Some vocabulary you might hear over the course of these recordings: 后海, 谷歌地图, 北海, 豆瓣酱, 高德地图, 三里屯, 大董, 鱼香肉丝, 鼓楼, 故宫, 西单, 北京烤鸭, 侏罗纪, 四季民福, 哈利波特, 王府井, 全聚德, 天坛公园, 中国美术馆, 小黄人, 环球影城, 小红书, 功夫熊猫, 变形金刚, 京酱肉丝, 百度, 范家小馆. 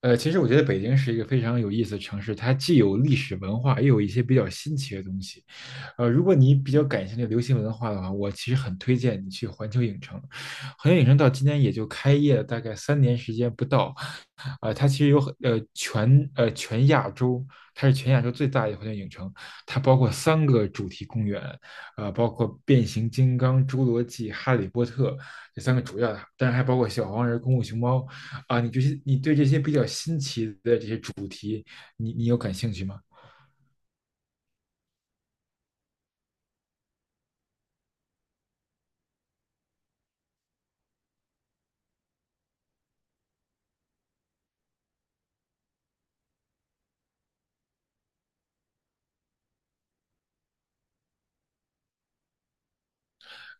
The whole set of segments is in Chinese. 其实我觉得北京是一个非常有意思的城市，它既有历史文化，也有一些比较新奇的东西。如果你比较感兴趣流行文化的话，我其实很推荐你去环球影城。环球影城到今天也就开业了大概3年时间不到，啊、它其实有很全亚洲，它是全亚洲最大的环球影城，它包括三个主题公园，包括变形金刚、侏罗纪、哈利波特这三个主要的，当然还包括小黄人、功夫熊猫啊，你对这些比较新奇的这些主，你有感兴趣吗？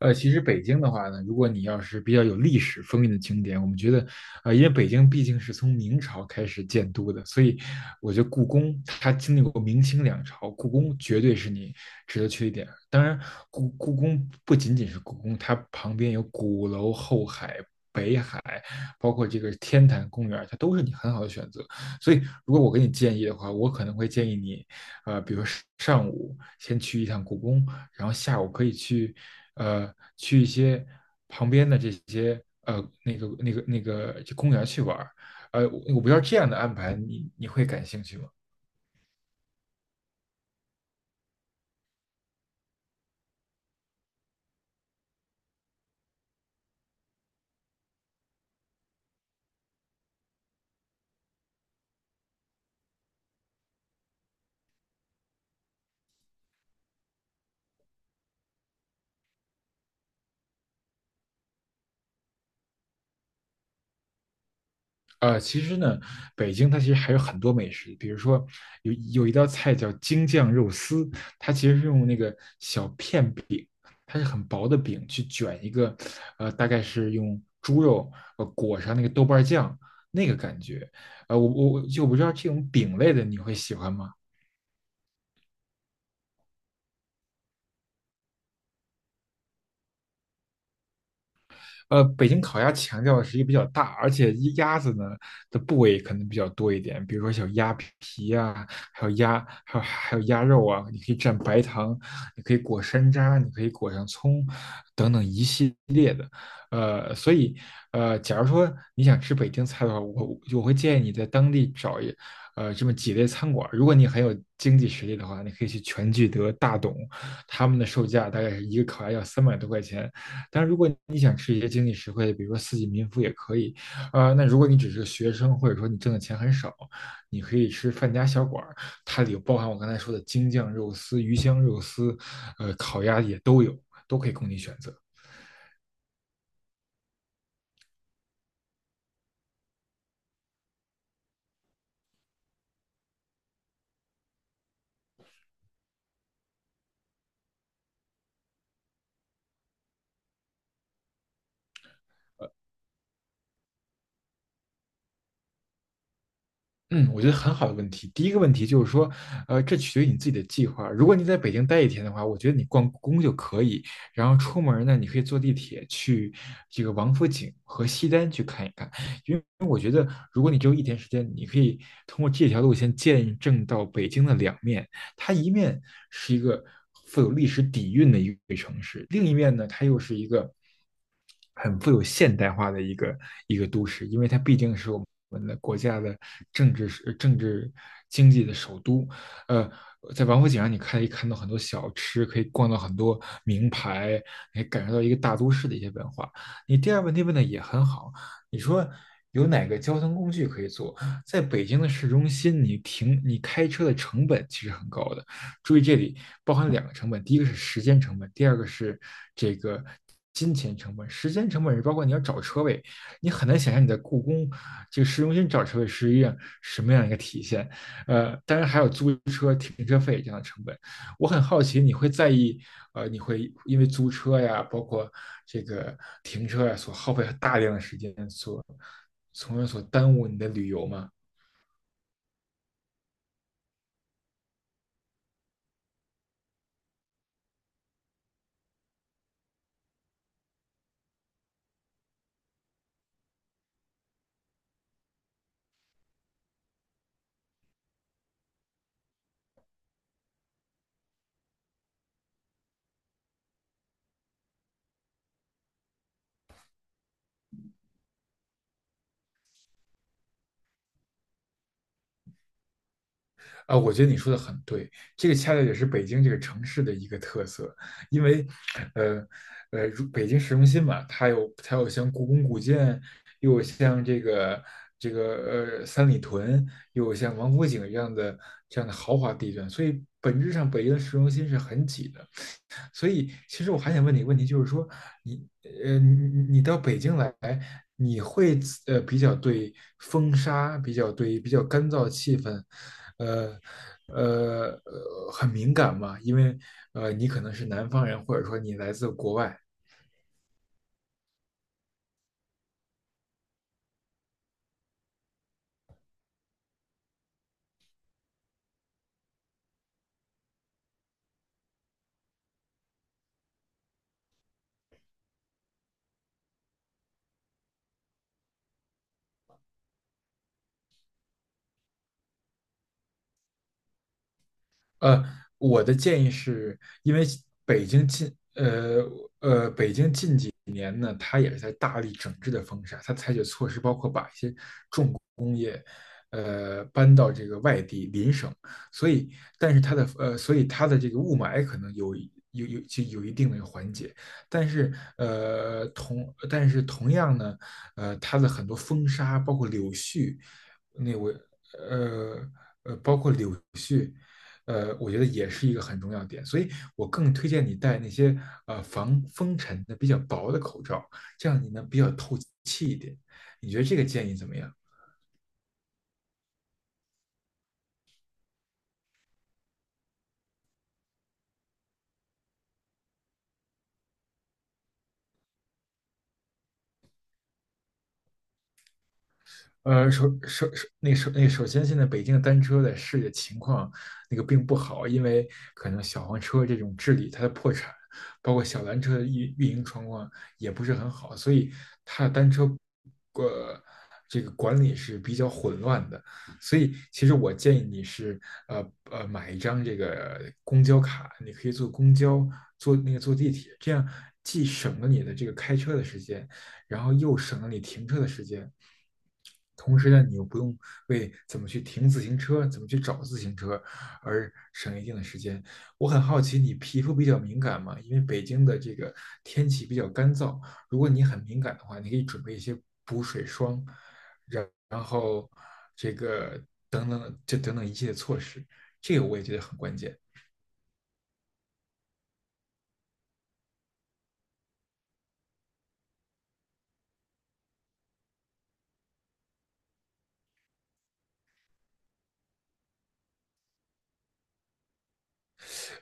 其实北京的话呢，如果你要是比较有历史风韵的景点，我们觉得，因为北京毕竟是从明朝开始建都的，所以我觉得故宫它经历过明清两朝，故宫绝对是你值得去的一点。当然，故宫不仅仅是故宫，它旁边有鼓楼、后海、北海，包括这个天坛公园，它都是你很好的选择。所以，如果我给你建议的话，我可能会建议你比如说上午先去一趟故宫，然后下午可以去一些旁边的这些那个公园去玩儿。我不知道这样的安排你会感兴趣吗？其实呢，北京它其实还有很多美食，比如说有有一道菜叫京酱肉丝，它其实是用那个小片饼，它是很薄的饼去卷一个，大概是用猪肉裹上那个豆瓣酱那个感觉，呃，我我不知道这种饼类的你会喜欢吗？北京烤鸭强调的是一个比较大，而且一鸭子呢的部位可能比较多一点，比如说小鸭皮啊，还有鸭，还有鸭肉啊，你可以蘸白糖，你可以裹山楂，你可以裹上葱，等等一系列的。所以假如说你想吃北京菜的话，我会建议你在当地这么几类餐馆儿如果你很有经济实力的话，你可以去全聚德、大董，他们的售价大概是一个烤鸭要300多块钱，但如果你想吃一些经济实惠的，比如说四季民福也可以。那如果你只是个学生，或者说你挣的钱很少，你可以吃范家小馆儿，它里有包含我刚才说的京酱肉丝、鱼香肉丝，烤鸭也都有，都可以供你选择。嗯，我觉得很好的问题。第一个问题就是说，这取决于你自己的计划。如果你在北京待一天的话，我觉得你逛故宫就可以，然后出门呢，你可以坐地铁去这个王府井和西单去看一看。因为我觉得，如果你只有一天时间，你可以通过这条路线见证到北京的两面。它一面是一个富有历史底蕴的一个城市，另一面呢，它又是一个很富有现代化的一个都市，因为它毕竟是我们的国家的政治政治经济的首都。呃，在王府井上，你可以看到很多小吃，可以逛到很多名牌，也可以感受到一个大都市的一些文化。你第二个问题问的也很好，你说有哪个交通工具可以坐？在北京的市中心，你开车的成本其实很高的，注意，这里包含两个成本，第一个是时间成本，第二个是这个金钱成本。时间成本是包括你要找车位，你很难想象你在故宫这个市中心找车位是一样什么样一个体现。当然还有租车、停车费这样的成本。我很好奇，你会在意你会因为租车呀，包括这个停车呀，所耗费大量的时间，从而耽误你的旅游吗？啊，我觉得你说的很对，这个恰恰也是北京这个城市的一个特色，因为，呃，如北京市中心嘛，它有像故宫古建，又有像这个三里屯，又有像王府井这样的豪华地段，所以本质上北京的市中心是很挤的。所以，其实我还想问你一个问题，就是说，你你到北京来，你会比较对风沙，比较干燥的气氛，呃很敏感吗？因为你可能是南方人，或者说你来自国外。呃，我的建议是，因为北京近，它也是在大力整治的风沙，它采取措施包括把一些搬到这个外地邻省，所以但是它的所以它的这个雾霾可能有一定的缓解，但是同样呢，它的很多风沙包括柳絮，那我呃。我觉得也是一个很重要的点，所以我更推荐你戴那些防风尘的比较薄的口罩，这样你能比较透气一点。你觉得这个建议怎么样？首先，现在北京的单车的市里的情况那个并不好，因为可能小黄车这种治理它的破产，包括小蓝车的运营状况也不是很好，所以它的单车呃这个管理是比较混乱的。所以其实我建议你是买一张这个公交卡，你可以坐公交，坐那个坐地铁，这样既省了你的这个开车的时间，然后又省了你停车的时间。同时呢，你又不用为怎么去停自行车、怎么去找自行车而省一定的时间。我很好奇，你皮肤比较敏感吗？因为北京的这个天气比较干燥，如果你很敏感的话，你可以准备一些补水霜，然后这个等等一系列措施，这个我也觉得很关键。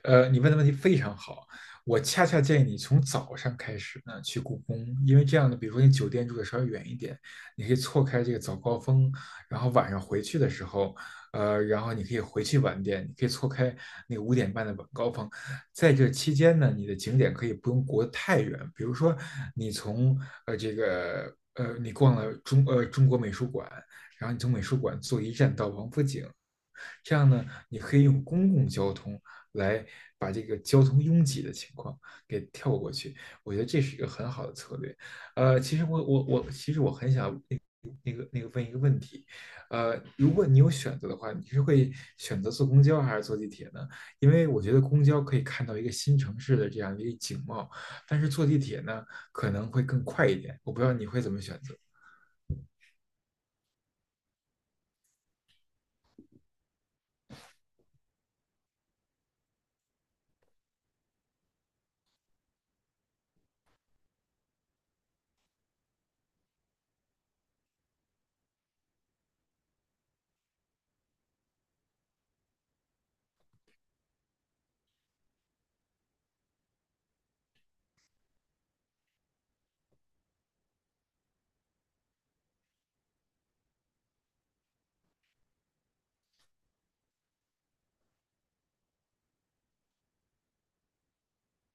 你问的问题非常好，我恰恰建议你从早上开始呢去故宫，因为这样呢，比如说你酒店住的稍微远一点，你可以错开这个早高峰，然后晚上回去的时候，然后你可以回去晚点，你可以错开那个5点半的晚高峰，在这期间呢，你的景点可以不用过得太远，比如说你从呃这个呃你逛了中国美术馆，然后你从美术馆坐一站到王府井。这样呢，你可以用公共交通来把这个交通拥挤的情况给跳过去。我觉得这是一个很好的策略。其实我很想问一个问题，如果你有选择的话，你是会选择坐公交还是坐地铁呢？因为我觉得公交可以看到一个新城市的这样一个景貌，但是坐地铁呢可能会更快一点。我不知道你会怎么选择。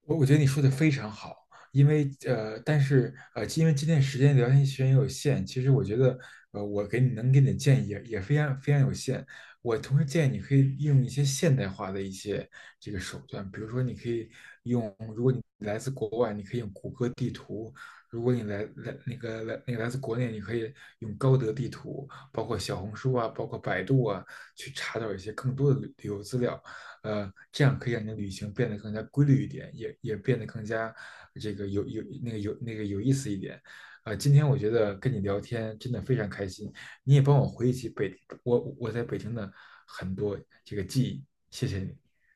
我觉得你说的非常好，因为但是因为今天时间聊天时间也有限，其实我觉得我能给你的建议也非常非常有限。我同时建议你可以用一些现代化的一些这个手段，比如说你可以用，如果你来自国外，你可以用谷歌地图；如果你来来那个来那个来自国内，你可以用高德地图，包括小红书啊，包括百度啊，去查找一些更多的旅游资料。这样可以让你的旅行变得更加规律一点，也变得更加这个有有那个有那个有意思一点。今天我觉得跟你聊天真的非常开心，你也帮我回忆起我在北京的很多这个记忆，谢谢你。